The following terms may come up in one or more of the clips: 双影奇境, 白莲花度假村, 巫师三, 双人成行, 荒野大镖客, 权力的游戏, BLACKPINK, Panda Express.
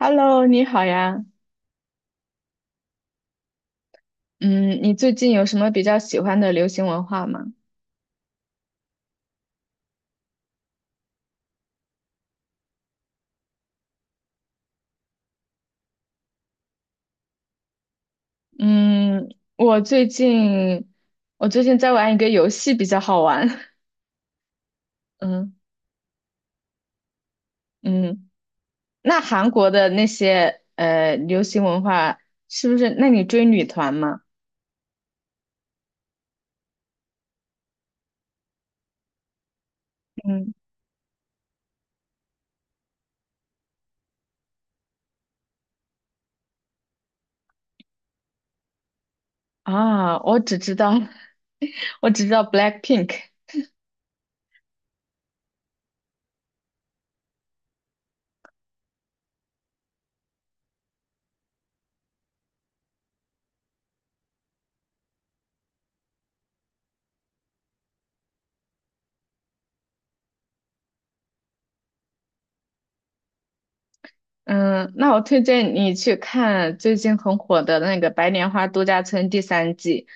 Hello，你好呀。嗯，你最近有什么比较喜欢的流行文化吗？嗯，我最近在玩一个游戏，比较好玩。嗯嗯，那韩国的那些流行文化是不是？那你追女团吗？嗯啊，我只知道 我只知道 BLACKPINK。嗯，那我推荐你去看最近很火的那个《白莲花度假村》第三季。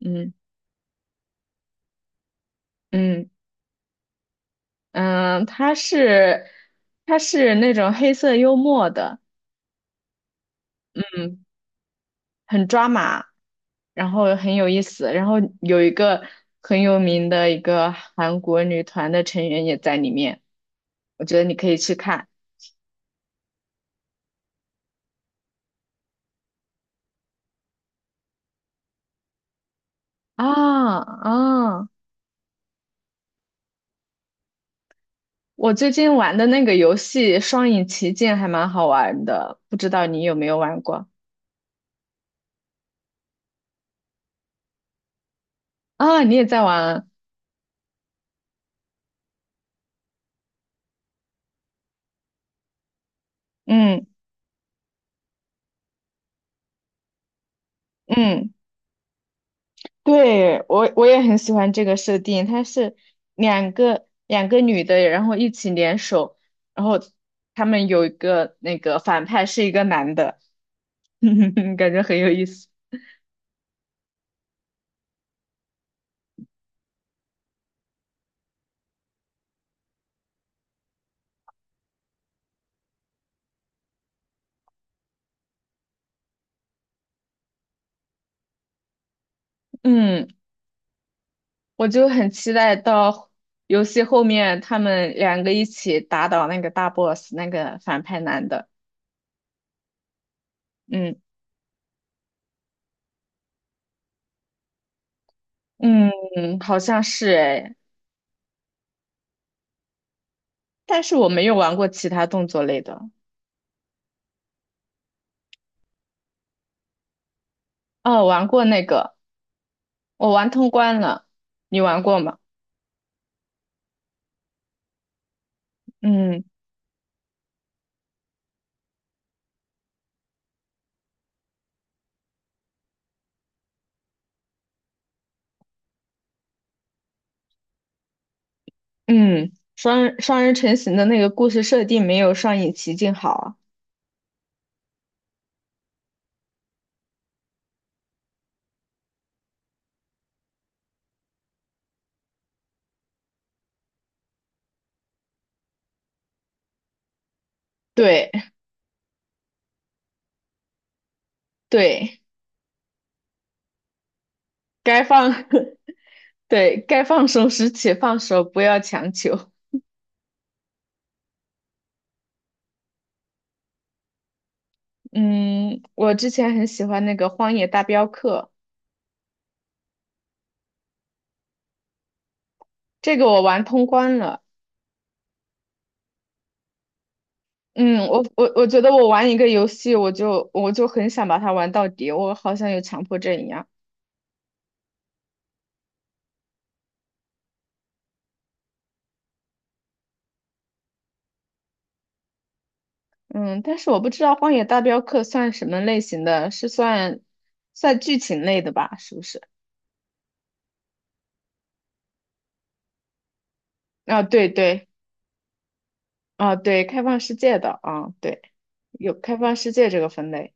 嗯嗯。嗯，他是那种黑色幽默的，嗯，很抓马，然后很有意思，然后有一个很有名的一个韩国女团的成员也在里面，我觉得你可以去看。啊啊！我最近玩的那个游戏《双影奇境》还蛮好玩的，不知道你有没有玩过。啊？你也在玩？嗯嗯。对，我也很喜欢这个设定，它是两个女的，然后一起联手，然后他们有一个那个反派是一个男的，感觉很有意思。嗯，我就很期待到游戏后面他们两个一起打倒那个大 boss 那个反派男的。嗯嗯，好像是诶，但是我没有玩过其他动作类的。哦，玩过那个，我玩通关了，你玩过吗？嗯嗯，双人成行的那个故事设定没有上影奇境好啊。对对，该放 对该放手时且放手，不要强求。嗯，我之前很喜欢那个《荒野大镖客》，这个我玩通关了。嗯，我觉得我玩一个游戏，我就很想把它玩到底，我好像有强迫症一样。嗯，但是我不知道《荒野大镖客》算什么类型的，是算算剧情类的吧？是不是？啊，对对。啊，对，开放世界的啊，对，有开放世界这个分类。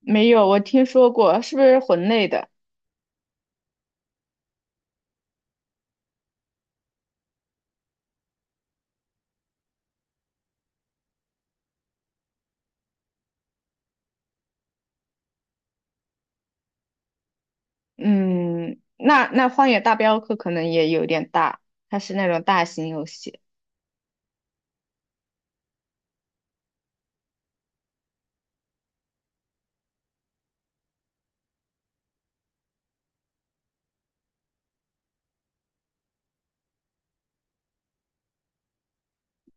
没有，我听说过，是不是魂类的？嗯，那那《荒野大镖客》可能也有点大，它是那种大型游戏。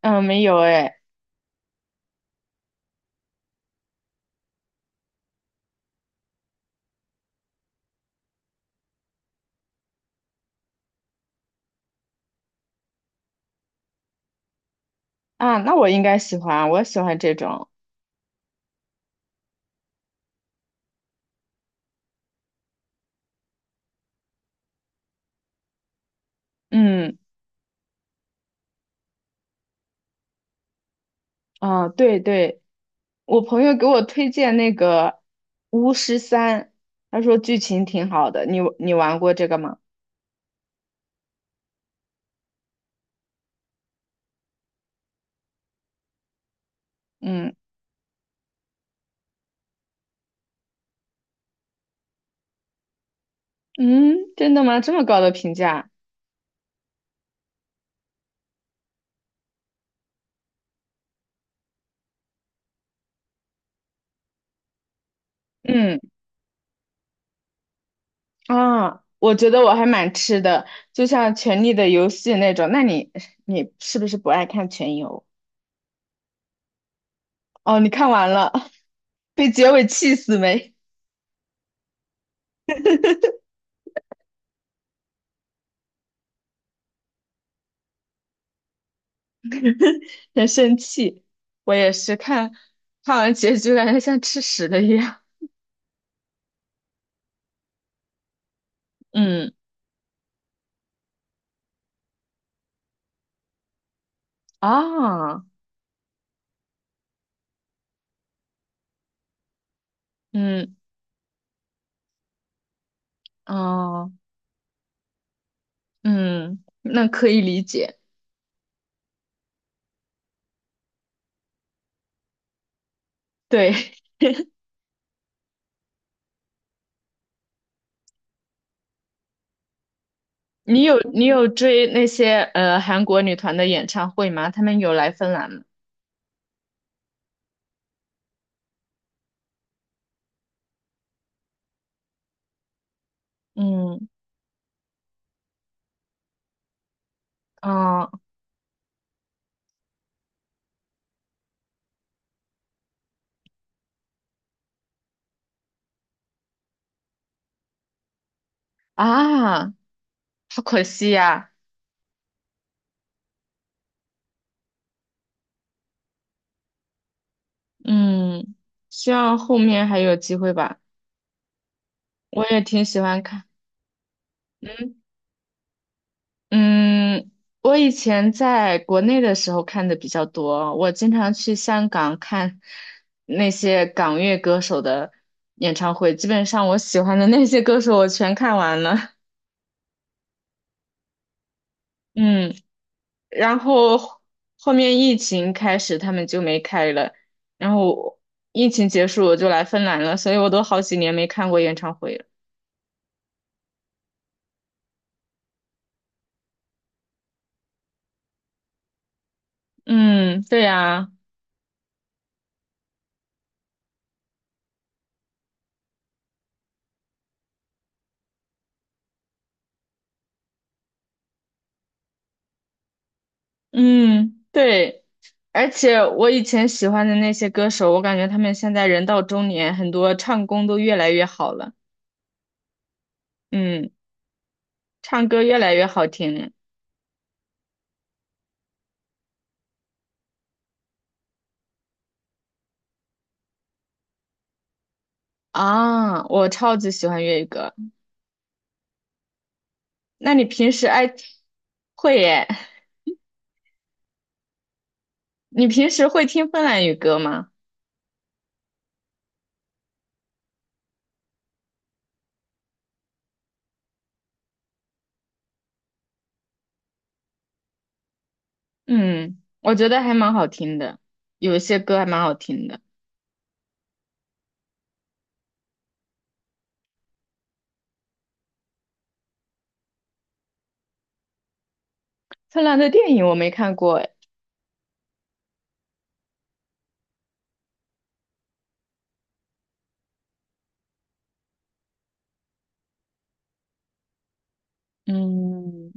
嗯，没有哎，啊，那我应该喜欢，我喜欢这种。嗯，啊，对对，我朋友给我推荐那个《巫师三》，他说剧情挺好的，你你玩过这个吗？嗯嗯，真的吗？这么高的评价？嗯。啊，我觉得我还蛮吃的，就像《权力的游戏》那种。那你你是不是不爱看权游？哦，你看完了，被结尾气死没？很生气。我也是看完结局，感觉像吃屎的一样。嗯啊，嗯哦，嗯，那可以理解。对，你有你有追那些韩国女团的演唱会吗？她们有来芬兰吗？嗯，啊啊，好可惜呀，嗯，希望后面还有机会吧。我也挺喜欢看，嗯，嗯我以前在国内的时候看的比较多，我经常去香港看那些港乐歌手的演唱会，基本上我喜欢的那些歌手我全看完了，嗯，然后后面疫情开始，他们就没开了，然后疫情结束我就来芬兰了，所以我都好几年没看过演唱会了。嗯，对呀，嗯，对，而且我以前喜欢的那些歌手，我感觉他们现在人到中年，很多唱功都越来越好了，嗯，唱歌越来越好听了。啊，我超级喜欢粤语歌。那你平时爱会耶？你平时会听芬兰语歌吗？嗯，我觉得还蛮好听的，有一些歌还蛮好听的。芬兰的电影我没看过，哎，嗯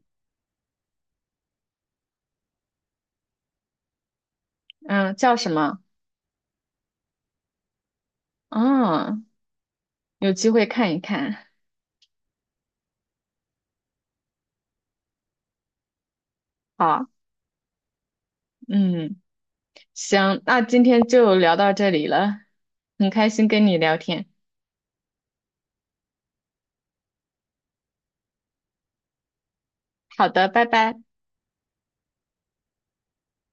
嗯，叫什么？啊？有机会看一看。好，嗯，行，那今天就聊到这里了，很开心跟你聊天。好的，拜拜。